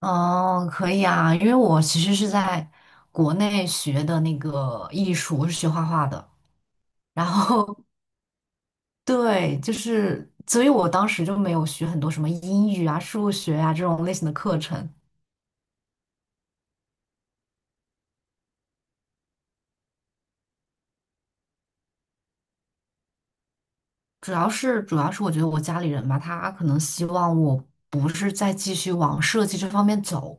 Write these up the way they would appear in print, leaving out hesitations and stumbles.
哦，可以啊，因为我其实是在国内学的那个艺术，我是学画画的。然后，对，就是，所以我当时就没有学很多什么英语啊、数学啊这种类型的课程。主要是我觉得我家里人吧，他可能希望我不是再继续往设计这方面走，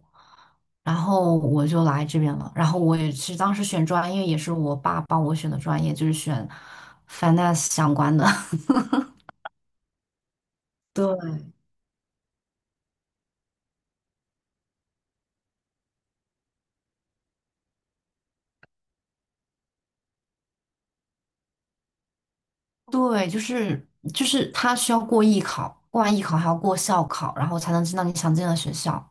然后我就来这边了。然后我也是当时选专业，也是我爸帮我选的专业，就是选 finance 相关的。对。对，就是他需要过艺考，过完艺考还要过校考，然后才能进到你想进的学校。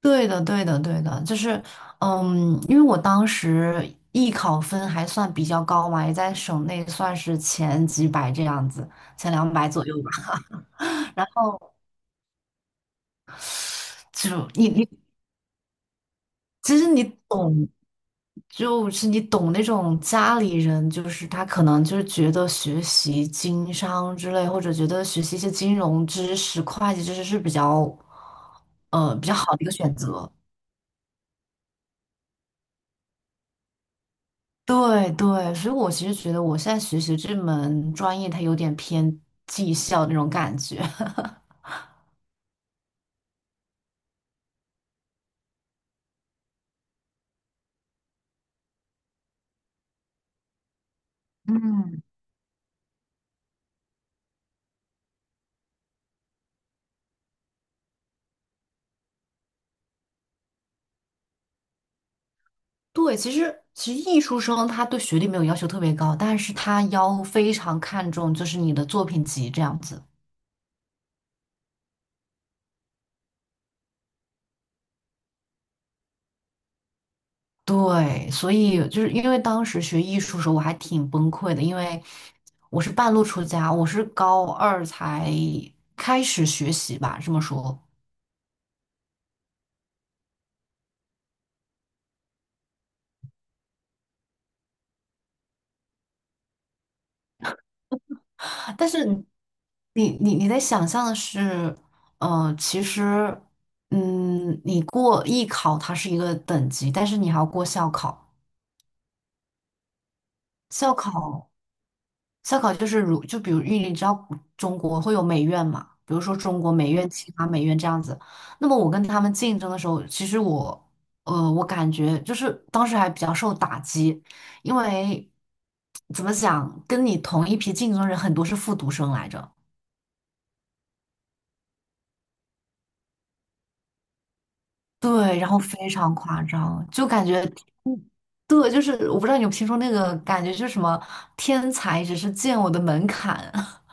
对的，对的，对的，就是因为我当时艺考分还算比较高嘛，也在省内算是前几百这样子，前200左右吧。然后就你其实你懂，就是你懂那种家里人，就是他可能就是觉得学习经商之类，或者觉得学习一些金融知识、会计知识是比较，比较好的一个选择。对对，所以我其实觉得我现在学习这门专业，它有点偏技校那种感觉。嗯，对，其实艺术生他对学历没有要求特别高，但是他要非常看重就是你的作品集这样子。对，所以就是因为当时学艺术的时候，我还挺崩溃的，因为我是半路出家，我是高二才开始学习吧，这么说。但是你在想象的是，其实，你过艺考它是一个等级，但是你还要过校考，校考烧烤就是比如因为你知道中国会有美院嘛，比如说中国美院、清华美院这样子。那么我跟他们竞争的时候，其实我我感觉就是当时还比较受打击，因为怎么讲，跟你同一批竞争人很多是复读生来着，对，然后非常夸张，就感觉。嗯，对，就是我不知道你有没有听说那个感觉，就是什么天才只是见我的门槛。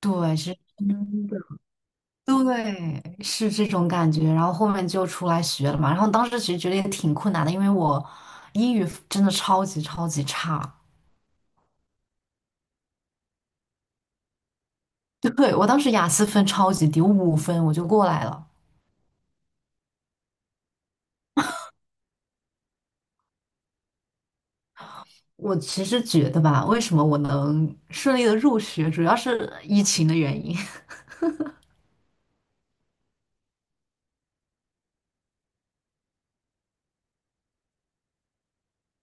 对，对，是这种感觉。然后后面就出来学了嘛。然后当时其实觉得也挺困难的，因为我英语真的超级超级差。对，我当时雅思分超级低，我5分我就过来了。我其实觉得吧，为什么我能顺利的入学，主要是疫情的原因。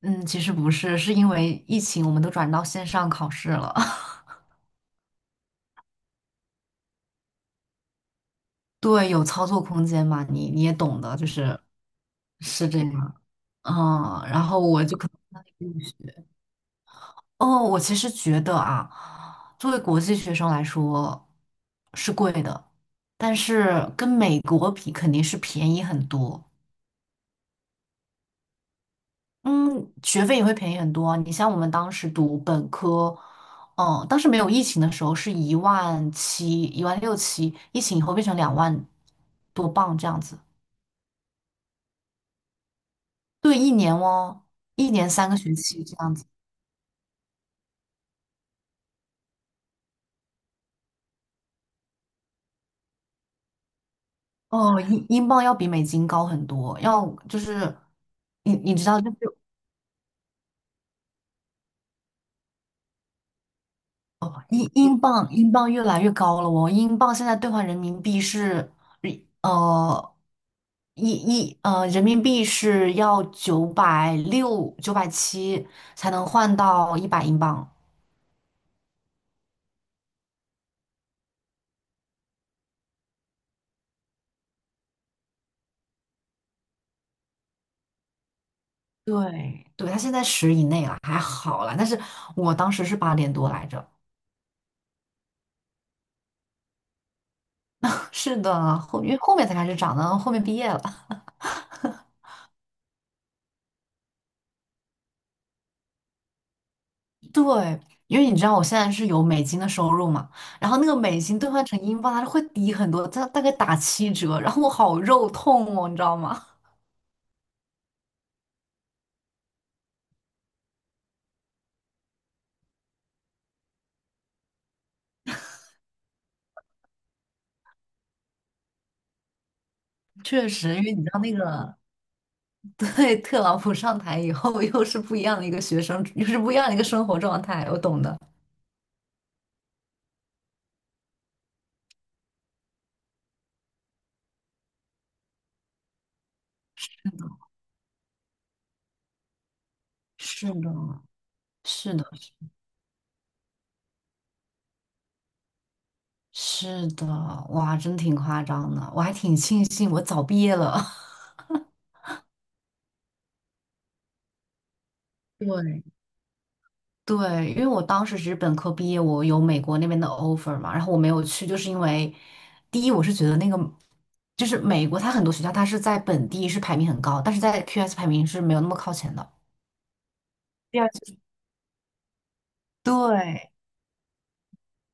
嗯，其实不是，是因为疫情我们都转到线上考试了。对，有操作空间嘛，你也懂的，就是是这样。嗯，然后我就可能。哦，我其实觉得啊，作为国际学生来说是贵的，但是跟美国比肯定是便宜很多。嗯，学费也会便宜很多啊你像我们当时读本科，嗯，当时没有疫情的时候是1万7、1万6、7，疫情以后变成2万多镑这样子。对，一年哦，一年3个学期这样子。哦，英镑要比美金高很多，要就是你知道，就是哦，英镑越来越高了哦，英镑现在兑换人民币是，呃，一一呃，人民币是要960、970才能换到100英镑。对，对，它现在10以内了，还好啦。但是我当时是8点多来着。是的，因为后面才开始涨的，后面毕业了。对，因为你知道我现在是有美金的收入嘛，然后那个美金兑换成英镑，它会低很多，它大概打7折，然后我好肉痛哦，你知道吗？确实，因为你知道那个，对，特朗普上台以后，又是不一样的一个学生，又是不一样的一个生活状态，我懂的。是的，是的，是的，哇，真挺夸张的，我还挺庆幸我早毕业了。对，对，因为我当时只是本科毕业，我有美国那边的 offer 嘛，然后我没有去，就是因为第一，我是觉得那个就是美国，它很多学校它是在本地是排名很高，但是在 QS 排名是没有那么靠前的。第二就是对，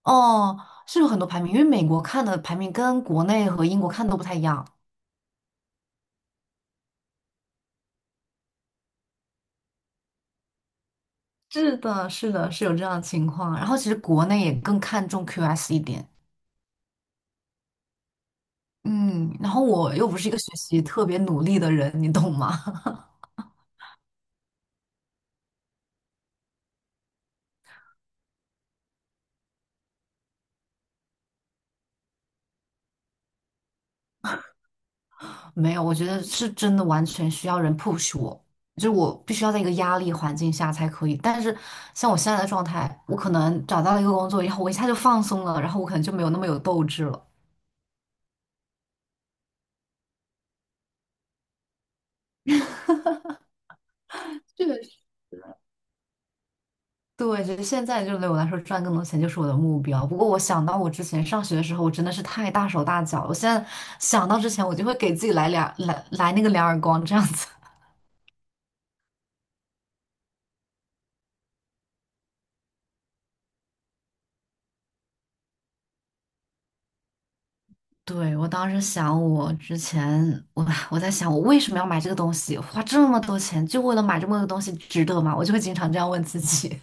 哦，是有很多排名，因为美国看的排名跟国内和英国看的都不太一样。是的，是的，是有这样的情况。然后其实国内也更看重 QS 一点，嗯，然后我又不是一个学习特别努力的人，你懂吗？没有，我觉得是真的完全需要人 push 我，就是我必须要在一个压力环境下才可以。但是像我现在的状态，我可能找到了一个工作以后，我一下就放松了，然后我可能就没有那么有斗志了。这个是对，就是现在就对我来说赚更多钱就是我的目标。不过我想到我之前上学的时候，我真的是太大手大脚了。我现在想到之前，我就会给自己来那个两耳光这样子。对，我当时想，我之前我在想，我为什么要买这个东西？花这么多钱，就为了买这么个东西，值得吗？我就会经常这样问自己。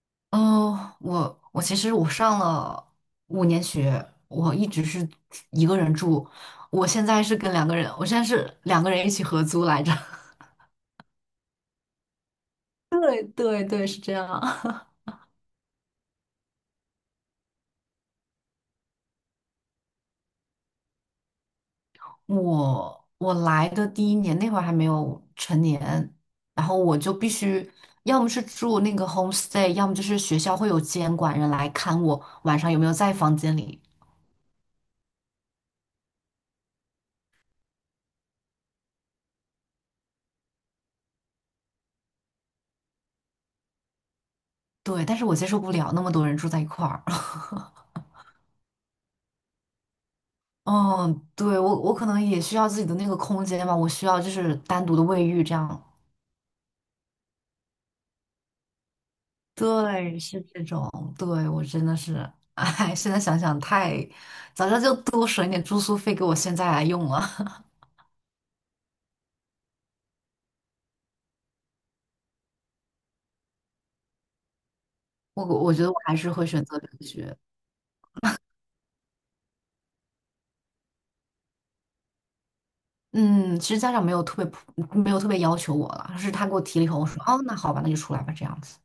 哦，我其实我上了5年学，我一直是一个人住，我现在是跟两个人，我现在是两个人一起合租来着。对对，是这样。我来的第一年那会儿还没有成年，然后我就必须要么是住那个 homestay，要么就是学校会有监管人来看我晚上有没有在房间里。对，但是我接受不了那么多人住在一块儿。嗯，对，我可能也需要自己的那个空间吧，我需要就是单独的卫浴这样。对，是这种。对，我真的是，哎，现在想想太，早知道就多省一点住宿费给我现在来用了。我觉得我还是会选择留学。嗯，其实家长没有特别没有特别要求我了，是他给我提了以后，我说哦，那好吧，那就出来吧，这样子。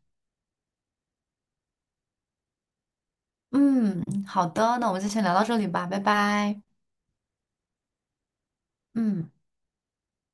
嗯，好的，那我们就先聊到这里吧，拜拜。嗯。